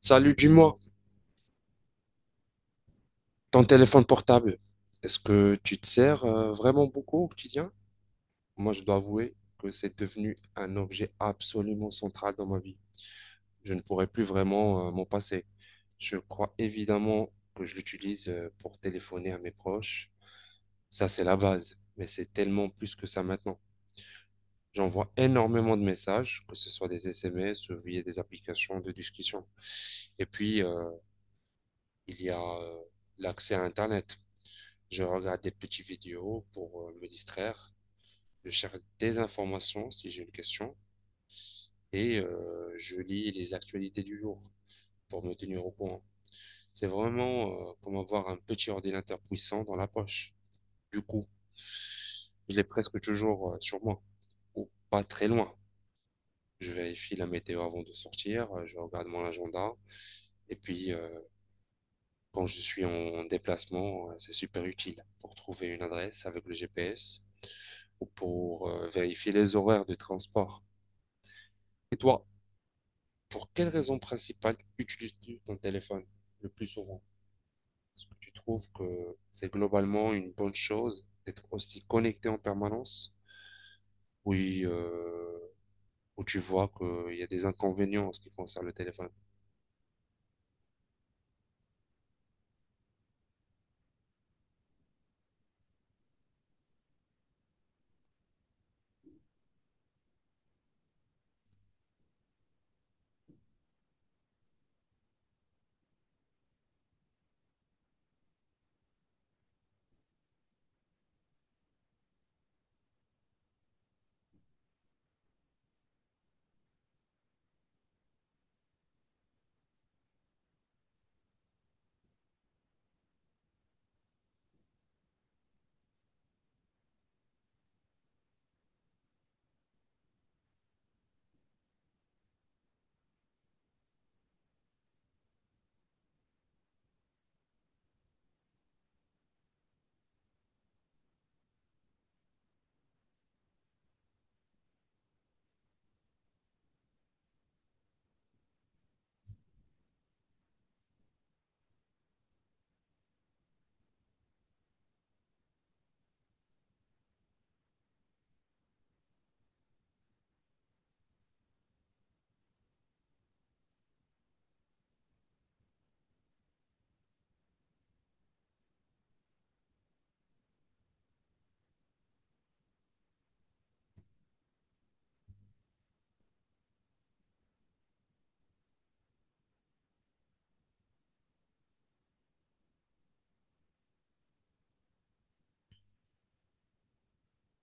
Salut, dis-moi, ton téléphone portable, est-ce que tu te sers vraiment beaucoup au quotidien? Moi, je dois avouer que c'est devenu un objet absolument central dans ma vie. Je ne pourrais plus vraiment m'en passer. Je crois évidemment que je l'utilise pour téléphoner à mes proches. Ça, c'est la base, mais c'est tellement plus que ça maintenant. J'envoie énormément de messages, que ce soit des SMS ou via des applications de discussion. Et puis, il y a L'accès à Internet. Je regarde des petites vidéos pour me distraire. Je cherche des informations si j'ai une question et je lis les actualités du jour pour me tenir au courant. C'est vraiment comme avoir un petit ordinateur puissant dans la poche. Du coup, je l'ai presque toujours sur moi ou pas très loin. Je vérifie la météo avant de sortir, je regarde mon agenda et puis quand je suis en déplacement, c'est super utile pour trouver une adresse avec le GPS ou pour vérifier les horaires de transport. Et toi, pour quelle raison principale utilises-tu ton téléphone le plus souvent? Est-ce que tu trouves que c'est globalement une bonne chose d'être aussi connecté en permanence? Oui, ou tu vois qu'il y a des inconvénients en ce qui concerne le téléphone?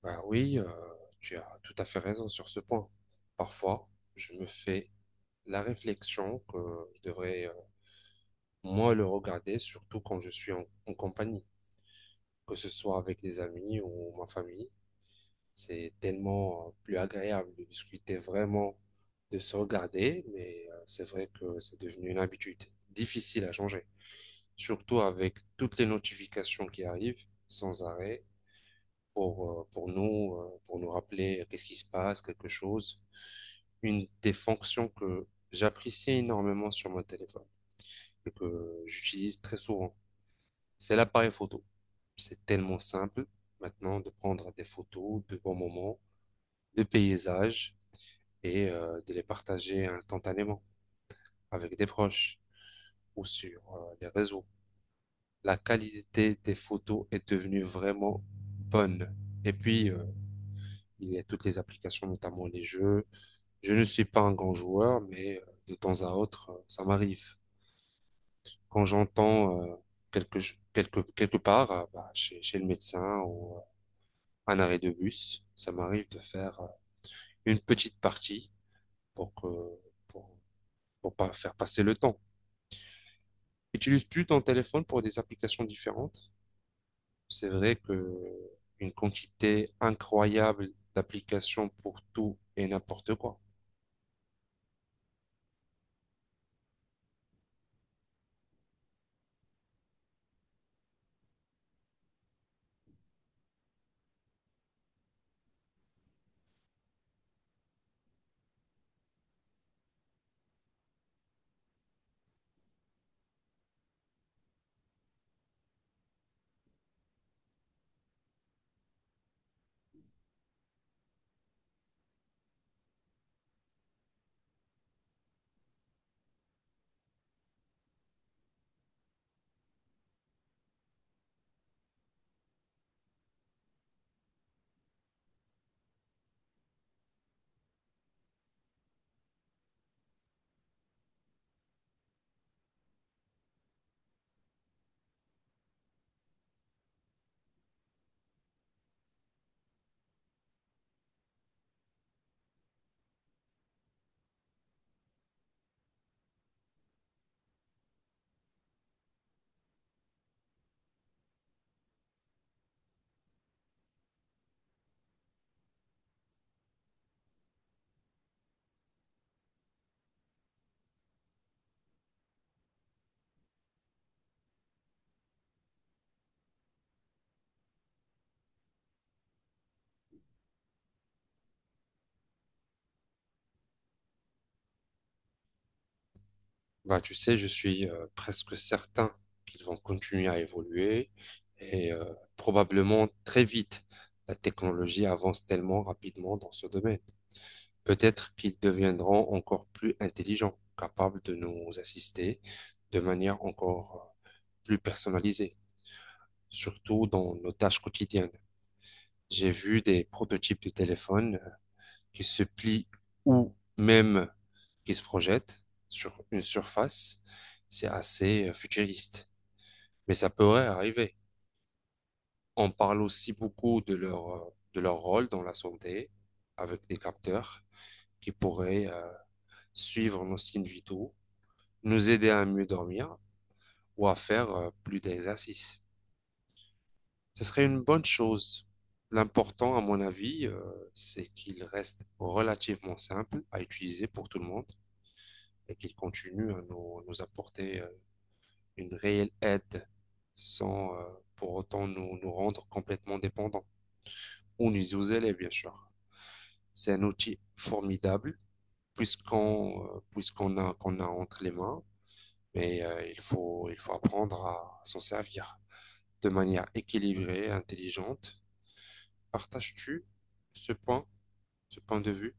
Bah oui, tu as tout à fait raison sur ce point. Parfois, je me fais la réflexion que je devrais moins le regarder, surtout quand je suis en compagnie, que ce soit avec des amis ou ma famille. C'est tellement plus agréable de discuter vraiment, de se regarder, mais c'est vrai que c'est devenu une habitude difficile à changer, surtout avec toutes les notifications qui arrivent sans arrêt pour nous rappeler qu'est-ce qui se passe, quelque chose. Une des fonctions que j'apprécie énormément sur mon téléphone et que j'utilise très souvent, c'est l'appareil photo. C'est tellement simple maintenant de prendre des photos de bons moments, de paysages et de les partager instantanément avec des proches ou sur les réseaux. La qualité des photos est devenue vraiment bonne. Et puis, euh, il y a toutes les applications, notamment les jeux. Je ne suis pas un grand joueur, mais de temps à autre, ça m'arrive. Quand j'entends quelque part, bah, chez le médecin ou un arrêt de bus, ça m'arrive de faire une petite partie pour que, pour, pour pas faire passer le temps. Utilises-tu ton téléphone pour des applications différentes? C'est vrai que une quantité incroyable d'applications pour tout et n'importe quoi. Bah, tu sais, je suis presque certain qu'ils vont continuer à évoluer et probablement très vite. La technologie avance tellement rapidement dans ce domaine. Peut-être qu'ils deviendront encore plus intelligents, capables de nous assister de manière encore plus personnalisée, surtout dans nos tâches quotidiennes. J'ai vu des prototypes de téléphones qui se plient ou même qui se projettent sur une surface. C'est assez futuriste, mais ça pourrait arriver. On parle aussi beaucoup de de leur rôle dans la santé avec des capteurs qui pourraient suivre nos signes vitaux, nous aider à mieux dormir ou à faire plus d'exercices. Ce serait une bonne chose. L'important, à mon avis, c'est qu'il reste relativement simple à utiliser pour tout le monde et qu'il continue à à nous apporter une réelle aide sans pour autant nous rendre complètement dépendants. Ou nous aux élèves, bien sûr. C'est un outil formidable puisqu'on puisqu'on a qu'on a entre les mains, mais il faut apprendre à s'en servir de manière équilibrée, intelligente. Partages-tu ce point? Ce point de vue